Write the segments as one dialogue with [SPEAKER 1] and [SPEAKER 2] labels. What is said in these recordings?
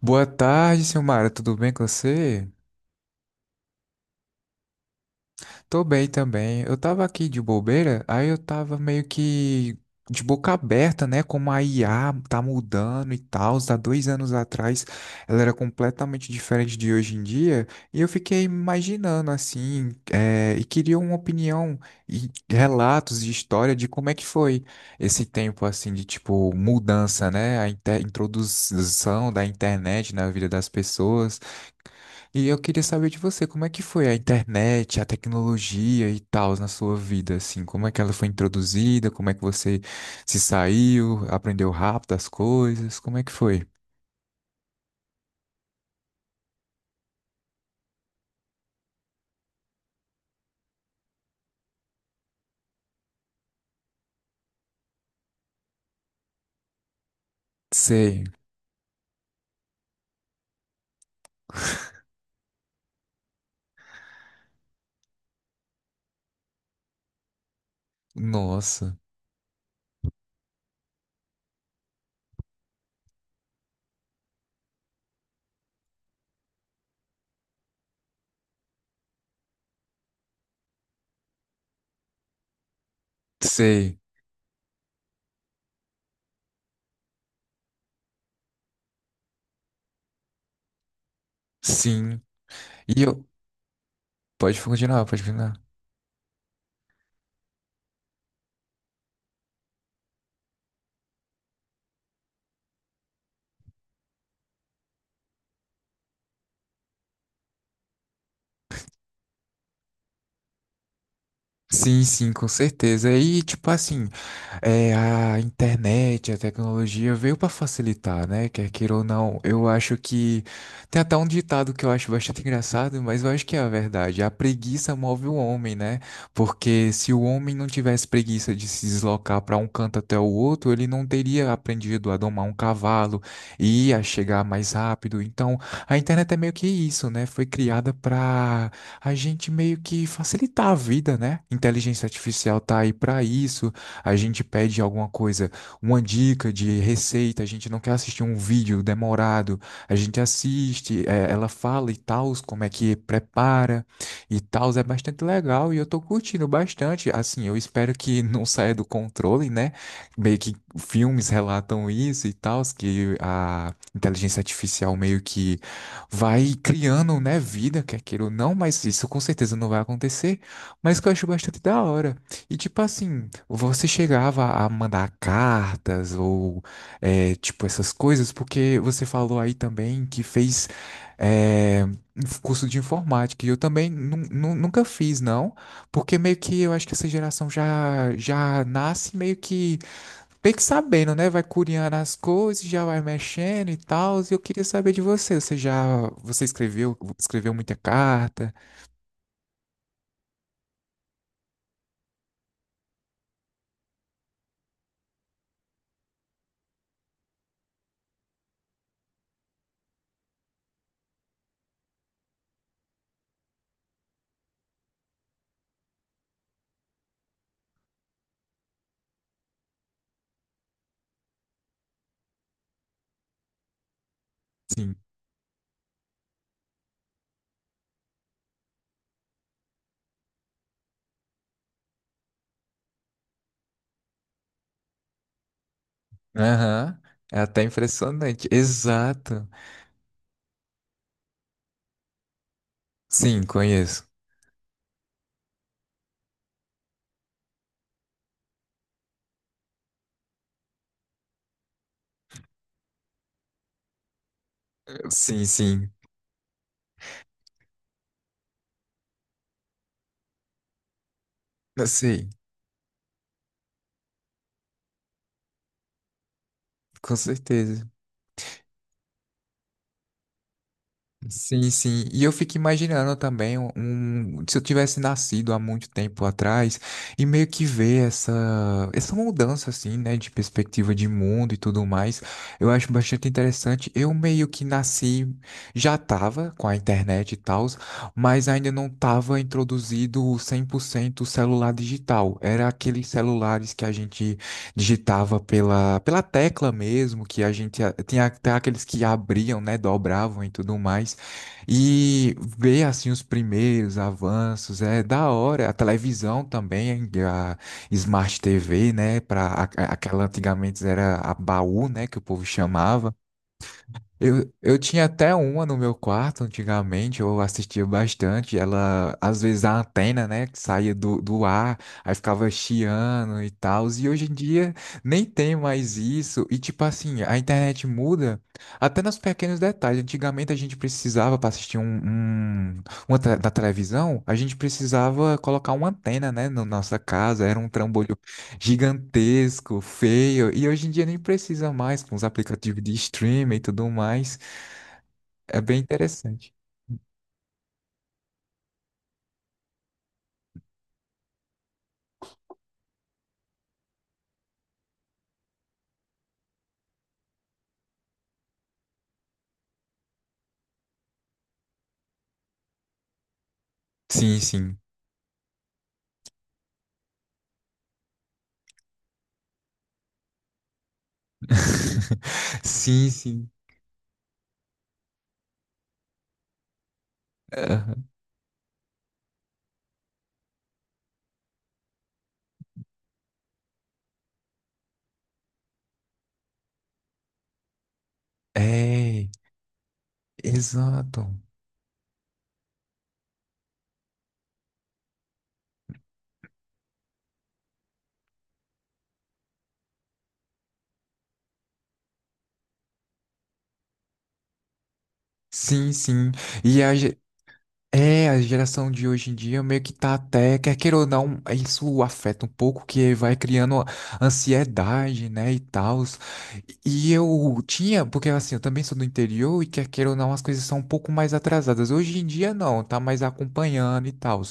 [SPEAKER 1] Boa tarde, Silmara, tudo bem com você? Tô bem também. Eu tava aqui de bobeira, aí eu tava meio que de boca aberta, né? Como a IA tá mudando e tal. Há 2 anos atrás ela era completamente diferente de hoje em dia. E eu fiquei imaginando assim, e queria uma opinião e relatos de história de como é que foi esse tempo assim de tipo mudança, né? A introdução da internet na vida das pessoas. E eu queria saber de você, como é que foi a internet, a tecnologia e tal na sua vida, assim, como é que ela foi introduzida, como é que você se saiu, aprendeu rápido as coisas, como é que foi? Sei. Nossa. Sei. Sim. E eu, pode continuar, pode continuar. Sim, sim, com certeza. E tipo assim, é, a internet, a tecnologia veio para facilitar, né? Quer queira ou não, eu acho que tem até um ditado que eu acho bastante engraçado, mas eu acho que é a verdade. A preguiça move o homem, né? Porque se o homem não tivesse preguiça de se deslocar para um canto até o outro, ele não teria aprendido a domar um cavalo e a chegar mais rápido. Então, a internet é meio que isso, né? Foi criada para a gente meio que facilitar a vida, né? Inteligência artificial tá aí para isso, a gente pede alguma coisa, uma dica de receita, a gente não quer assistir um vídeo demorado, a gente assiste, ela fala e tal, como é que prepara e tal, é bastante legal e eu tô curtindo bastante. Assim, eu espero que não saia do controle, né? Meio que filmes relatam isso e tal, que a inteligência artificial meio que vai criando, né, vida, quer queira ou não, mas isso com certeza não vai acontecer, mas que eu acho bastante da hora. E tipo assim, você chegava a mandar cartas ou é, tipo essas coisas, porque você falou aí também que fez é, um curso de informática, e eu também nunca fiz, não, porque meio que eu acho que essa geração já, já nasce meio que sabendo, né? Vai curiando as coisas, já vai mexendo e tal, e eu queria saber de você, você escreveu muita carta? Sim. Aham. É até impressionante. Exato. Sim, conheço. Sim, sim. Eu sei, com certeza. Sim, sim. E eu fico imaginando também se eu tivesse nascido há muito tempo atrás e meio que ver essa, essa mudança assim, né, de perspectiva de mundo e tudo mais, eu acho bastante interessante. Eu meio que nasci, já tava com a internet e tal, mas ainda não tava introduzido 100% o celular digital. Era aqueles celulares que a gente digitava pela, pela tecla mesmo, que a gente tinha até aqueles que abriam, né, dobravam e tudo mais. E ver assim os primeiros avanços é da hora. A televisão também, a Smart TV, né? Para aquela antigamente era a baú, né? Que o povo chamava. Eu tinha até uma no meu quarto antigamente, eu assistia bastante. Ela, às vezes, a antena, né, que saía do, do ar, aí ficava chiando e tal. E hoje em dia nem tem mais isso. E, tipo assim, a internet muda até nos pequenos detalhes. Antigamente a gente precisava, para assistir da televisão, a gente precisava colocar uma antena, né, na nossa casa. Era um trambolho gigantesco, feio, e hoje em dia nem precisa mais com os aplicativos de streaming e tudo mais. É bem interessante. Sim, sim. Sim, sim. Aham. É, exato. Sim, sim. E a, é, a geração de hoje em dia meio que tá até, quer queira ou não, isso afeta um pouco, que vai criando ansiedade, né, e tal. E eu tinha, porque assim, eu também sou do interior e quer queira ou não, as coisas são um pouco mais atrasadas. Hoje em dia não, tá mais acompanhando e tal.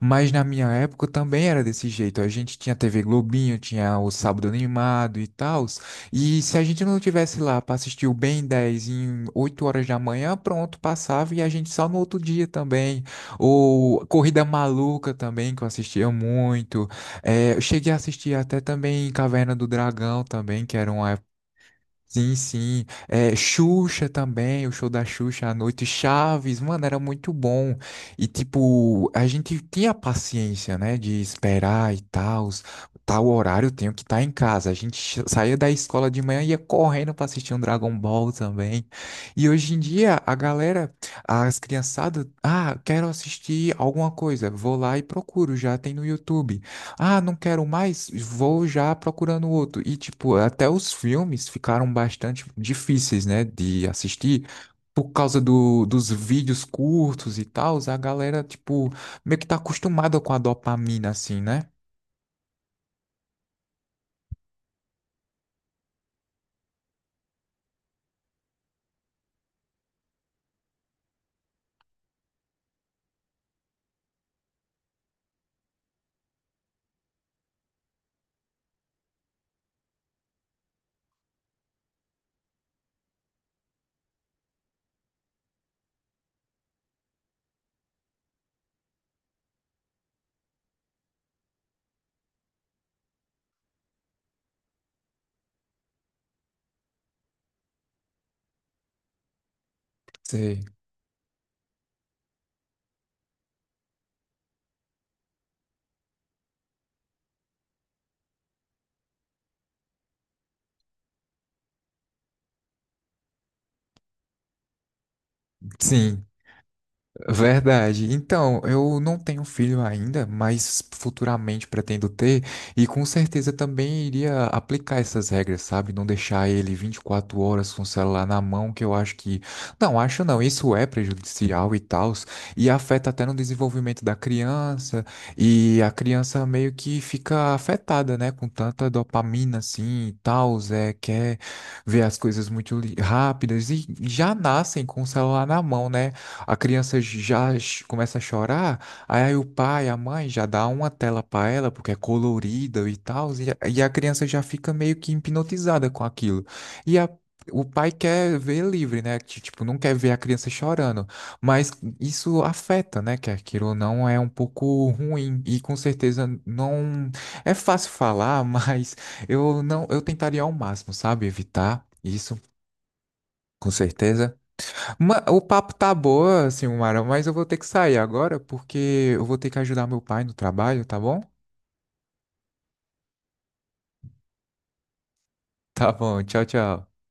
[SPEAKER 1] Mas na minha época também era desse jeito. A gente tinha TV Globinho, tinha o Sábado Animado e tal. E se a gente não tivesse lá para assistir o Ben 10 em 8 horas da manhã, pronto, passava e a gente só no outro dia também. Ou Corrida Maluca também, que eu assistia muito. É, eu cheguei a assistir até também Caverna do Dragão também, que era uma. Sim, sim. É, Xuxa também, o show da Xuxa à noite, Chaves, mano, era muito bom. E, tipo, a gente tinha paciência, né, de esperar e tal. Tal horário eu tenho que estar em casa. A gente saía da escola de manhã e ia correndo pra assistir um Dragon Ball também. E hoje em dia, a galera, as criançadas, ah, quero assistir alguma coisa, vou lá e procuro, já tem no YouTube. Ah, não quero mais, vou já procurando outro. E, tipo, até os filmes ficaram bastante difíceis, né, de assistir por causa do, dos vídeos curtos e tal. A galera, tipo, meio que tá acostumada com a dopamina, assim, né? Sei. Sim. Verdade. Então, eu não tenho filho ainda, mas futuramente pretendo ter, e com certeza também iria aplicar essas regras, sabe? Não deixar ele 24 horas com o celular na mão, que eu acho que. Não, acho não, isso é prejudicial e tal, e afeta até no desenvolvimento da criança, e a criança meio que fica afetada, né? Com tanta dopamina assim e tal, é, quer ver as coisas muito rápidas, e já nascem com o celular na mão, né? A criança já começa a chorar, aí, aí o pai, a mãe já dá uma tela para ela, porque é colorida e tal, e, e a criança já fica meio que hipnotizada com aquilo. E a- o pai quer ver livre, né? Tipo, não quer ver a criança chorando, mas isso afeta, né? Quer queira ou não, é um pouco ruim. E com certeza não é fácil falar, mas eu não, eu tentaria ao máximo, sabe? Evitar isso, com certeza. O papo tá boa, Silmara, mas eu vou ter que sair agora porque eu vou ter que ajudar meu pai no trabalho, tá bom? Tá bom, tchau, tchau.